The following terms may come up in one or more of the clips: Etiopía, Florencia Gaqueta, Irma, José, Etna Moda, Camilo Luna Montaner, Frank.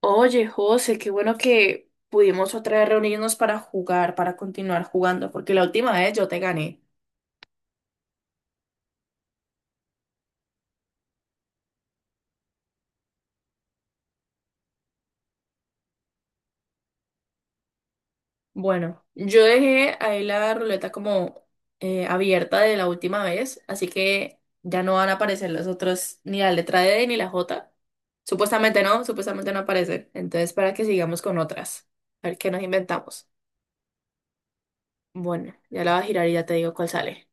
Oye, José, qué bueno que pudimos otra vez reunirnos para jugar, para continuar jugando, porque la última vez yo te gané. Bueno, yo dejé ahí la ruleta como abierta de la última vez, así que ya no van a aparecer los otros, ni la letra D ni la J. Supuestamente no aparecen. Entonces, para que sigamos con otras. A ver qué nos inventamos. Bueno, ya la voy a girar y ya te digo cuál sale.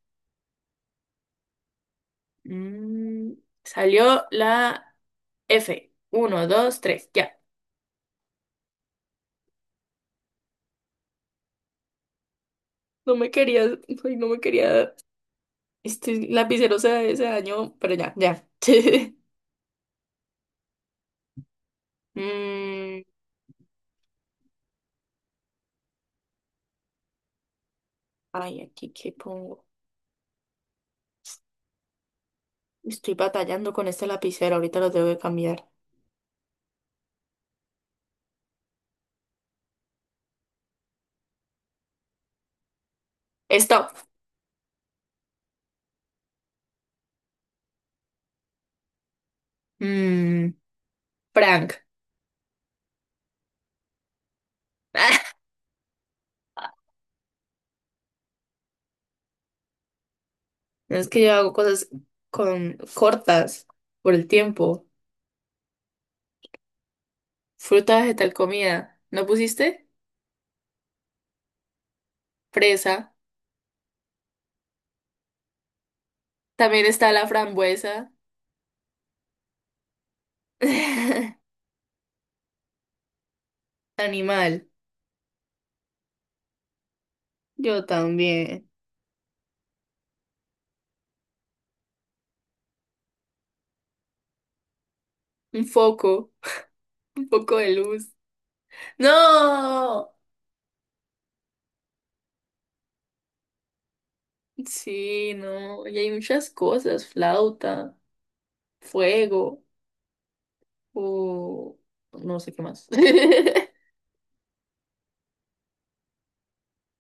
Mm, salió la F. Uno, dos, tres, ya. No me quería, ay, no me quería, este lapicero se dañó, pero ya, ya. Mm, ay, aquí qué pongo. Estoy batallando con este lapicero, ahorita lo tengo que cambiar. Stop. Mm, Frank. Es que yo hago cosas con cortas por el tiempo. Fruta, vegetal, comida. ¿No pusiste? Fresa. También está la frambuesa. Animal. Yo también. Un foco. Un poco de luz. No, sí, no, y hay muchas cosas, flauta, fuego, o no sé qué más.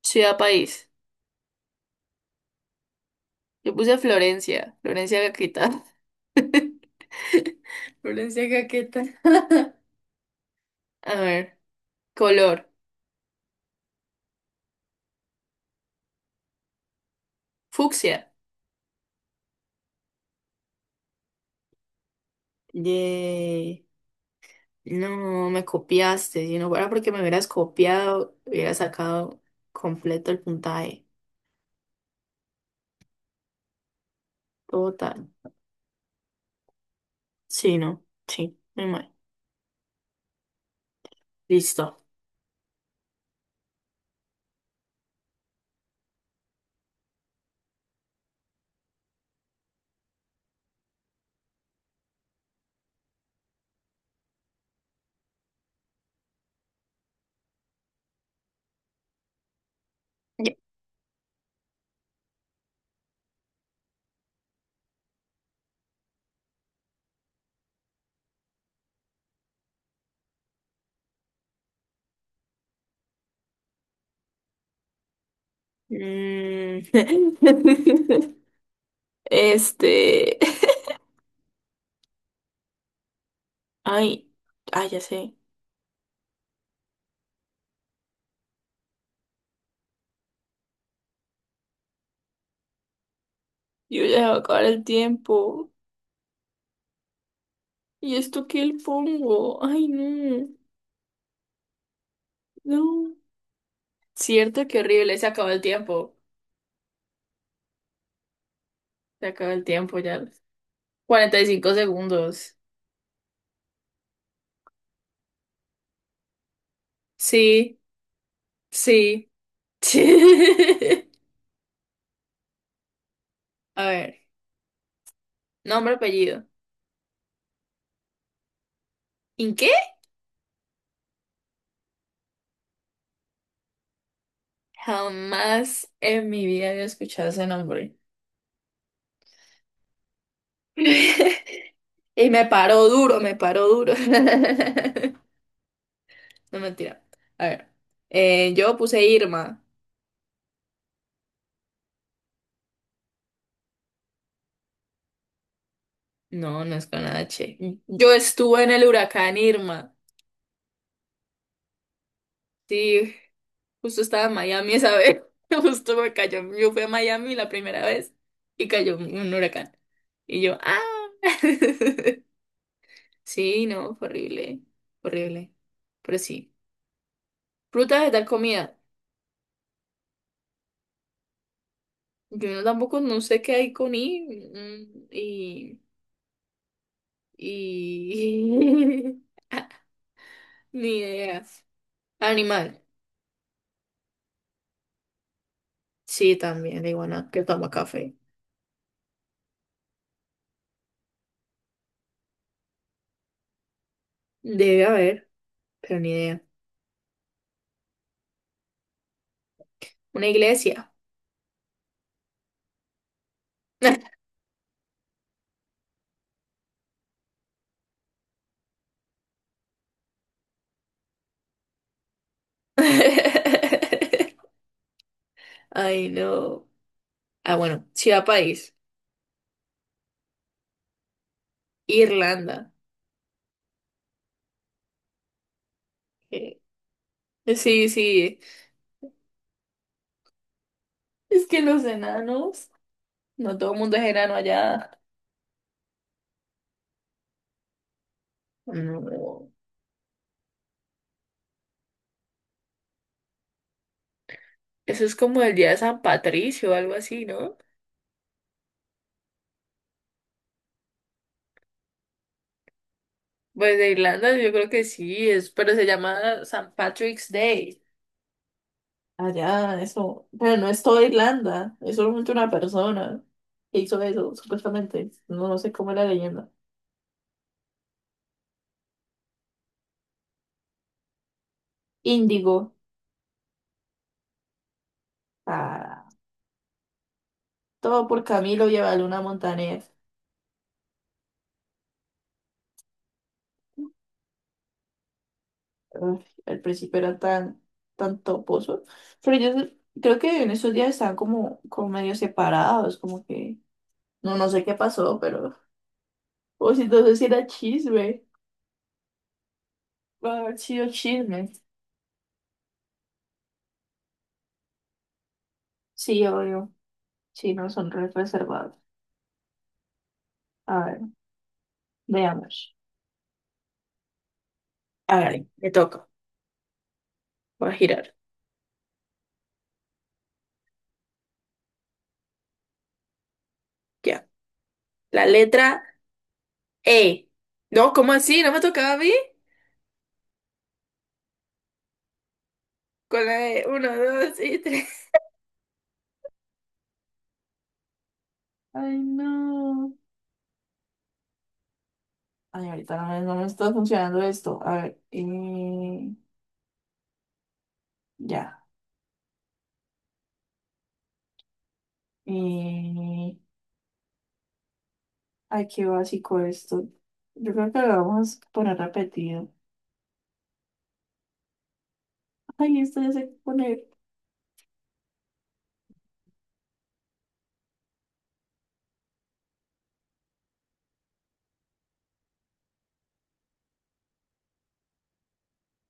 Ciudad, país. Yo puse Florencia, Florencia Gaqueta. Florencia Gaqueta. A ver, color, fucsia. Yay. No, me copiaste. Si no fuera porque me hubieras copiado, hubiera sacado completo el puntaje. Total. Sí, no, sí, muy mal. Listo. Mm. Este. Ay, ay, ya sé. Yo ya va a acabar el tiempo. ¿Y esto qué le pongo? Ay, no. No. Cierto, qué horrible. Se acabó el tiempo. Se acabó el tiempo ya. 45 segundos. Sí, sí. A ver. Nombre, apellido. ¿En qué? Jamás en mi vida había escuchado ese nombre. Y me paró duro. No mentira. A ver, yo puse Irma. No, no es con H. Yo estuve en el huracán Irma. Sí, justo estaba en Miami esa vez. Justo me cayó. Yo fui a Miami la primera vez y cayó un huracán. Y yo, ah. Sí, no, fue horrible. Horrible. Pero sí. Frutas de tal comida. Yo no- Tampoco no sé qué hay con I. Y. Y... Ni ideas. Animal. Sí, también, la iguana que toma café. Debe haber, pero ni idea. Una iglesia. Ay, no. Ah, bueno, ciudad, país. Irlanda. Eh, sí, sí. Es que los enanos. No todo el mundo es enano allá. No. Eso es como el día de San Patricio o algo así, ¿no? Pues de Irlanda yo creo que sí, es, pero se llama San Patrick's Day. Allá, eso. Pero no es toda Irlanda, es solamente una persona que hizo eso, supuestamente. No, no sé cómo es la leyenda. Índigo. Ah, todo por Camilo Luna Montaner. Uf, el principio era tan, tan toposo. Pero yo creo que en esos días estaban como, como medio separados, como que no sé qué pasó, pero. O si entonces era chisme. Va a haber sido chisme. Sí, obvio. Sí, no son re reservados. A ver, veamos. A ver, me toca. Va a girar. Ya. La letra E. No, ¿cómo así? ¿No me tocaba a mí? Con la E. Uno, dos y tres. Ay, no. Ay, ahorita no me está funcionando esto. A ver, ya. Eh, ay, qué básico esto. Yo creo que lo vamos a poner repetido. Ay, esto ya sé qué poner.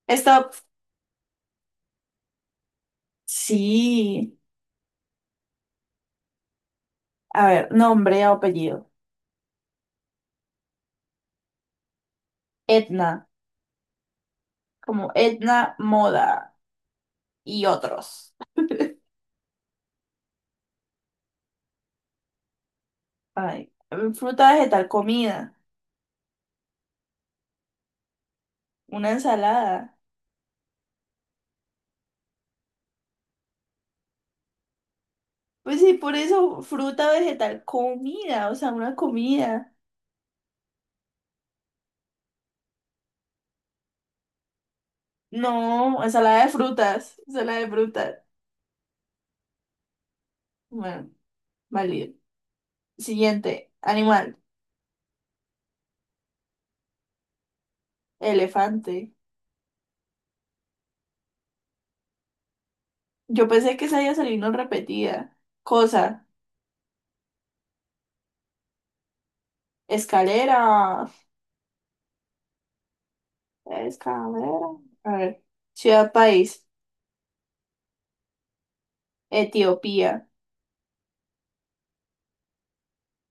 Esta, sí. A ver, nombre, o apellido. Etna, como Etna Moda y otros. Ay, fruta, vegetal, comida, una ensalada. Pues sí, por eso fruta, vegetal, comida, o sea, una comida. No, ensalada de frutas, ensalada de frutas. Bueno, válido. Siguiente, animal, elefante. Yo pensé que esa iba a salir no repetida. Cosa, escalera, escalera. A ver, ciudad, país, Etiopía.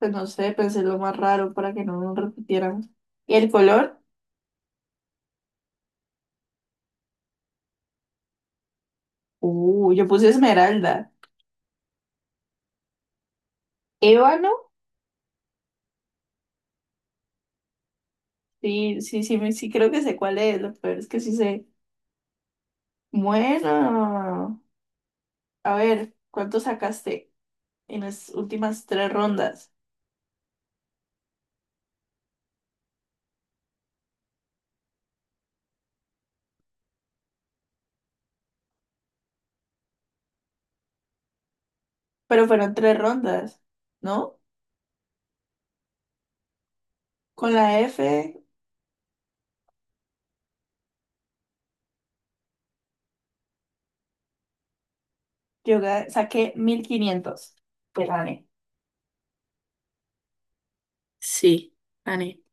Pues no sé, pensé lo más raro para que no nos repitieran. ¿Y el color? Yo puse esmeralda. Ébano, sí, sí, sí, sí, creo que sé cuál es. Lo peor es que sí sé. Bueno, a ver, ¿cuánto sacaste en las últimas tres rondas? Pero fueron tres rondas, ¿no? Con la F, saqué 1500. Pues gané. Sí, Ani,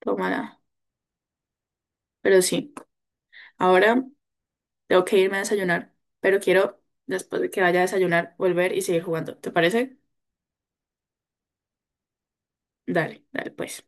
tómala. Pero sí, ahora tengo que irme a desayunar, pero quiero, después de que vaya a desayunar, volver y seguir jugando. ¿Te parece? Dale, dale, pues.